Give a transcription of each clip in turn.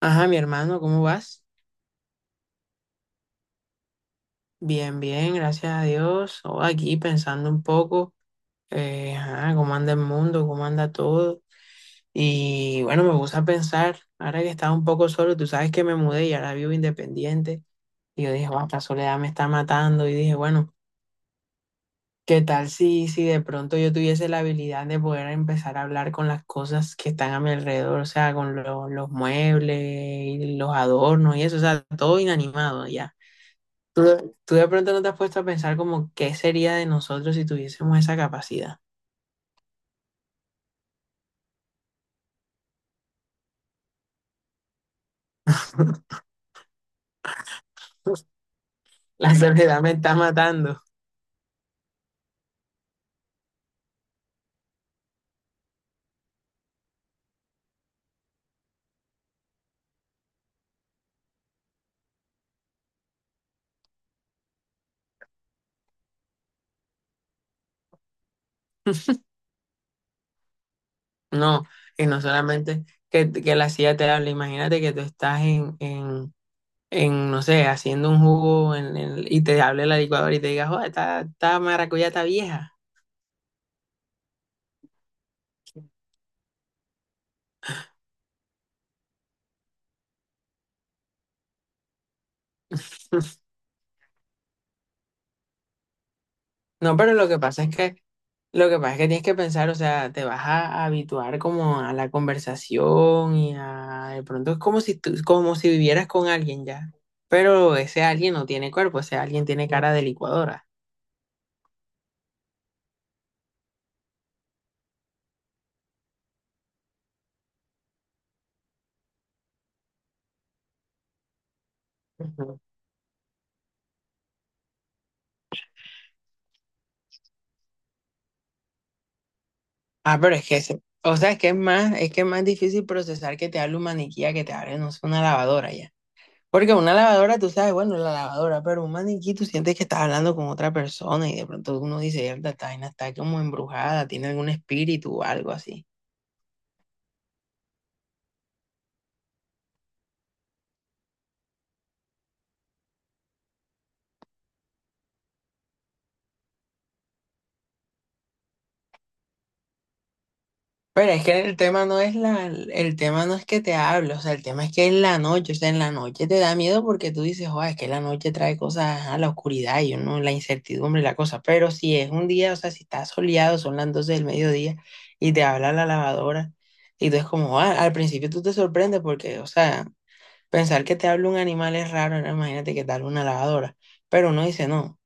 Ajá, mi hermano, ¿cómo vas? Bien, bien, gracias a Dios. Oh, aquí pensando un poco, ajá, cómo anda el mundo, cómo anda todo. Y bueno, me puse a pensar, ahora que estaba un poco solo, tú sabes que me mudé y ahora vivo independiente. Y yo dije, "Guau, esta soledad me está matando". Y dije, bueno, ¿qué tal si de pronto yo tuviese la habilidad de poder empezar a hablar con las cosas que están a mi alrededor? O sea, con los muebles, y los adornos y eso, o sea, todo inanimado ya. Tú de pronto no te has puesto a pensar como qué sería de nosotros si tuviésemos esa capacidad. La soledad me está matando. No, y no solamente que la silla te habla, imagínate que tú estás en, no sé, haciendo un jugo y te hable la licuadora y te diga, joder, esta maracuyá está vieja. No, pero lo que pasa es que, lo que pasa es que tienes que pensar, o sea, te vas a habituar como a la conversación y a, de pronto es como si tú, como si vivieras con alguien ya. Pero ese alguien no tiene cuerpo, ese alguien tiene cara de licuadora. Ujú. Ah, pero es que, o sea, es que es más difícil procesar que te hable un maniquí a que te hable, no sé, una lavadora ya. Porque una lavadora, tú sabes, bueno, la lavadora, pero un maniquí, tú sientes que estás hablando con otra persona y de pronto uno dice, "Mierda, esta vaina está como embrujada, tiene algún espíritu o algo así". Pero es que el tema no es que te hable, o sea, el tema es que es la noche, o sea, en la noche te da miedo porque tú dices, joder, es que la noche trae cosas a la oscuridad y uno, la incertidumbre y la cosa. Pero si es un día, o sea, si está soleado, son las 12 del mediodía y te habla la lavadora. Y tú es como, ah, al principio tú te sorprendes porque, o sea, pensar que te habla un animal es raro, ahora imagínate que te habla una lavadora. Pero uno dice, no,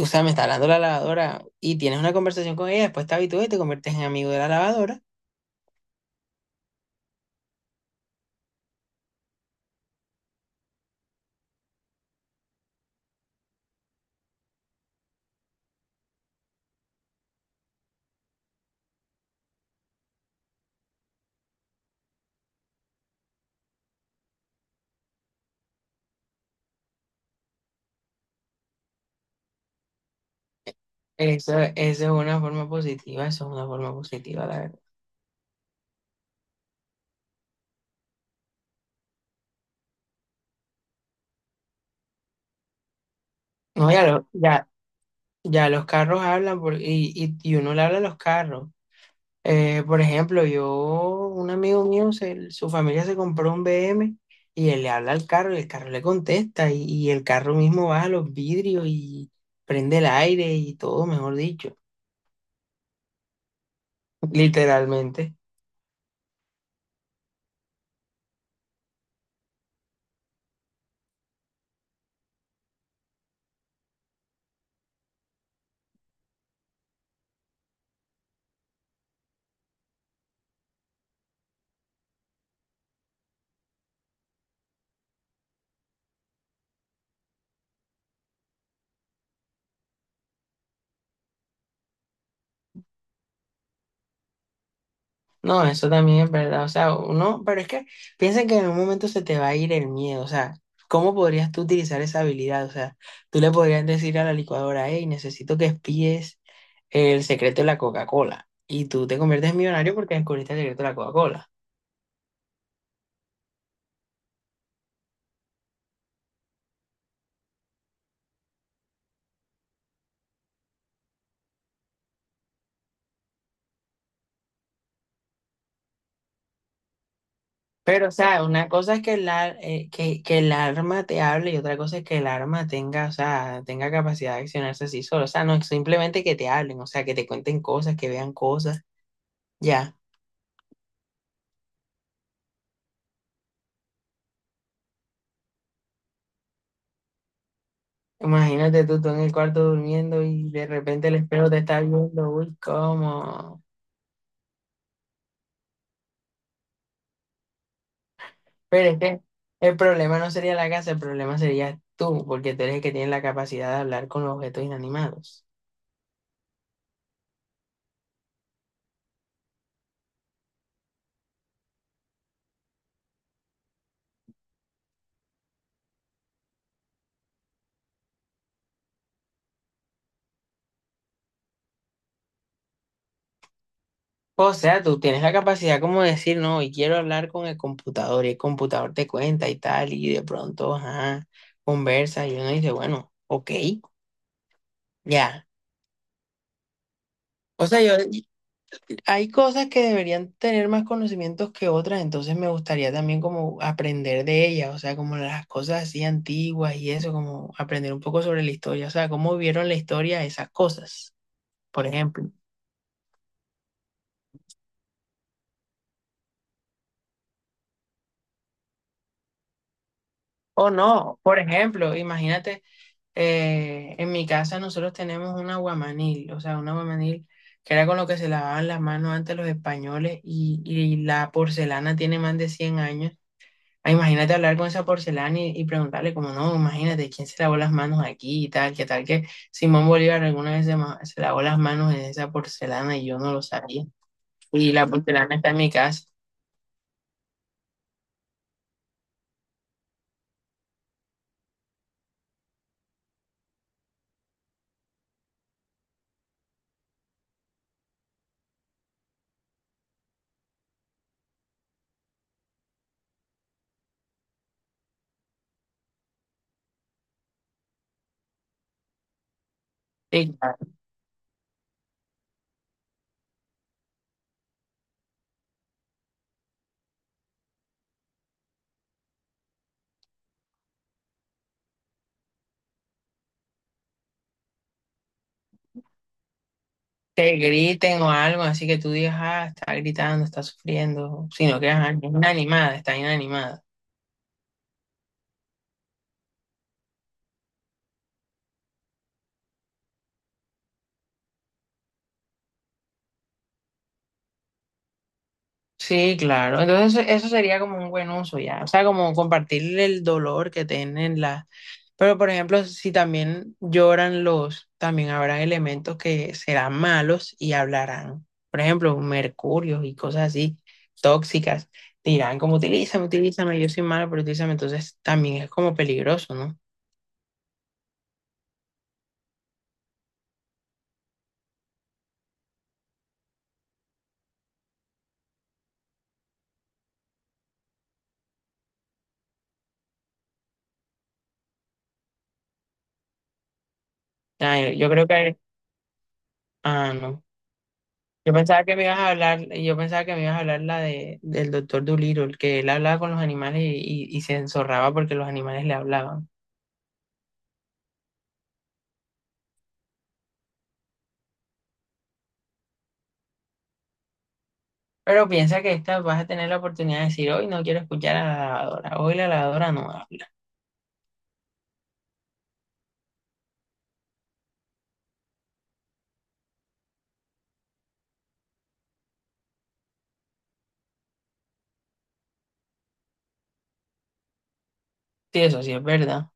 o sea, me está hablando la lavadora y tienes una conversación con ella, después te habitúas y te conviertes en amigo de la lavadora. Eso es una forma positiva, eso es una forma positiva, la verdad. No, ya, lo- ya, ya los carros hablan y uno le habla a los carros. Por ejemplo, un amigo mío, su familia se compró un BM y él le habla al carro y el carro le contesta y el carro mismo baja los vidrios y prende el aire y todo, mejor dicho, literalmente. No, eso también es verdad, o sea, uno, pero es que piensa que en un momento se te va a ir el miedo, o sea, ¿cómo podrías tú utilizar esa habilidad? O sea, tú le podrías decir a la licuadora, hey, necesito que espíes el secreto de la Coca-Cola y tú te conviertes en millonario porque descubriste el secreto de la Coca-Cola. Pero, o sea, una cosa es que que el arma te hable y otra cosa es que el arma tenga, o sea, tenga capacidad de accionarse así solo. O sea, no es simplemente que te hablen, o sea, que te cuenten cosas, que vean cosas. Ya, imagínate tú en el cuarto durmiendo y de repente el espejo te está viendo, uy, ¿cómo? Pero es que el problema no sería la casa, el problema sería tú, porque tú eres el que tiene la capacidad de hablar con los objetos inanimados. O sea, tú tienes la capacidad como de decir, no, y quiero hablar con el computador, y el computador te cuenta y tal, y de pronto, ajá, conversa, y uno dice, bueno, ok, ya. O sea, hay cosas que deberían tener más conocimientos que otras, entonces me gustaría también como aprender de ellas, o sea, como las cosas así antiguas y eso, como aprender un poco sobre la historia, o sea, cómo vieron la historia esas cosas, por ejemplo. O no, por ejemplo, imagínate. En mi casa nosotros tenemos un aguamanil, o sea, un aguamanil que era con lo que se lavaban las manos antes los españoles y la porcelana tiene más de 100 años. Ah, imagínate hablar con esa porcelana y preguntarle como, no, imagínate, ¿quién se lavó las manos aquí y tal? ¿Qué tal que Simón Bolívar alguna vez se lavó las manos en esa porcelana y yo no lo sabía? Y la porcelana está en mi casa. Y claro, que griten o algo, así que tú digas, ah, está gritando, está sufriendo, sino que ajá, es inanimada, está inanimada. Sí, claro. Entonces eso sería como un buen uso ya. O sea, como compartir el dolor que tienen las... Pero por ejemplo, si también lloran también habrá elementos que serán malos y hablarán. Por ejemplo, mercurios y cosas así, tóxicas. Dirán como utilízame, utilízame, yo soy malo, pero utilízame. Entonces también es como peligroso, ¿no? Ah, yo creo que... Ah, no. Yo pensaba que me ibas a hablar, yo pensaba que me ibas a hablar del doctor Dolittle, que él hablaba con los animales y se enzorraba porque los animales le hablaban. Pero piensa que esta vas a tener la oportunidad de decir, hoy no quiero escuchar a la lavadora, hoy la lavadora no habla. Sí, eso sí es verdad.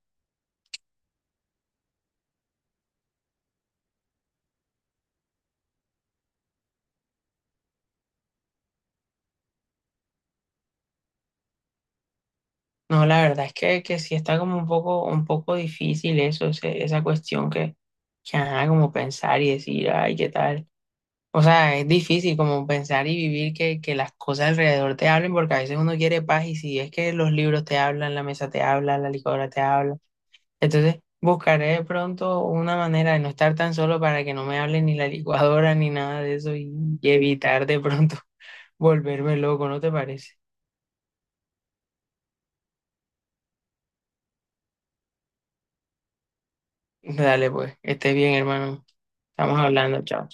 No, la verdad es que, sí está como un poco difícil eso, esa cuestión que ajá, como pensar y decir, ay, ¿qué tal? O sea, es difícil como pensar y vivir que las cosas alrededor te hablen, porque a veces uno quiere paz y si es que los libros te hablan, la mesa te habla, la licuadora te habla, entonces buscaré de pronto una manera de no estar tan solo para que no me hable ni la licuadora ni nada de eso y evitar de pronto volverme loco, ¿no te parece? Dale pues, estés bien, hermano. Estamos hablando, chao.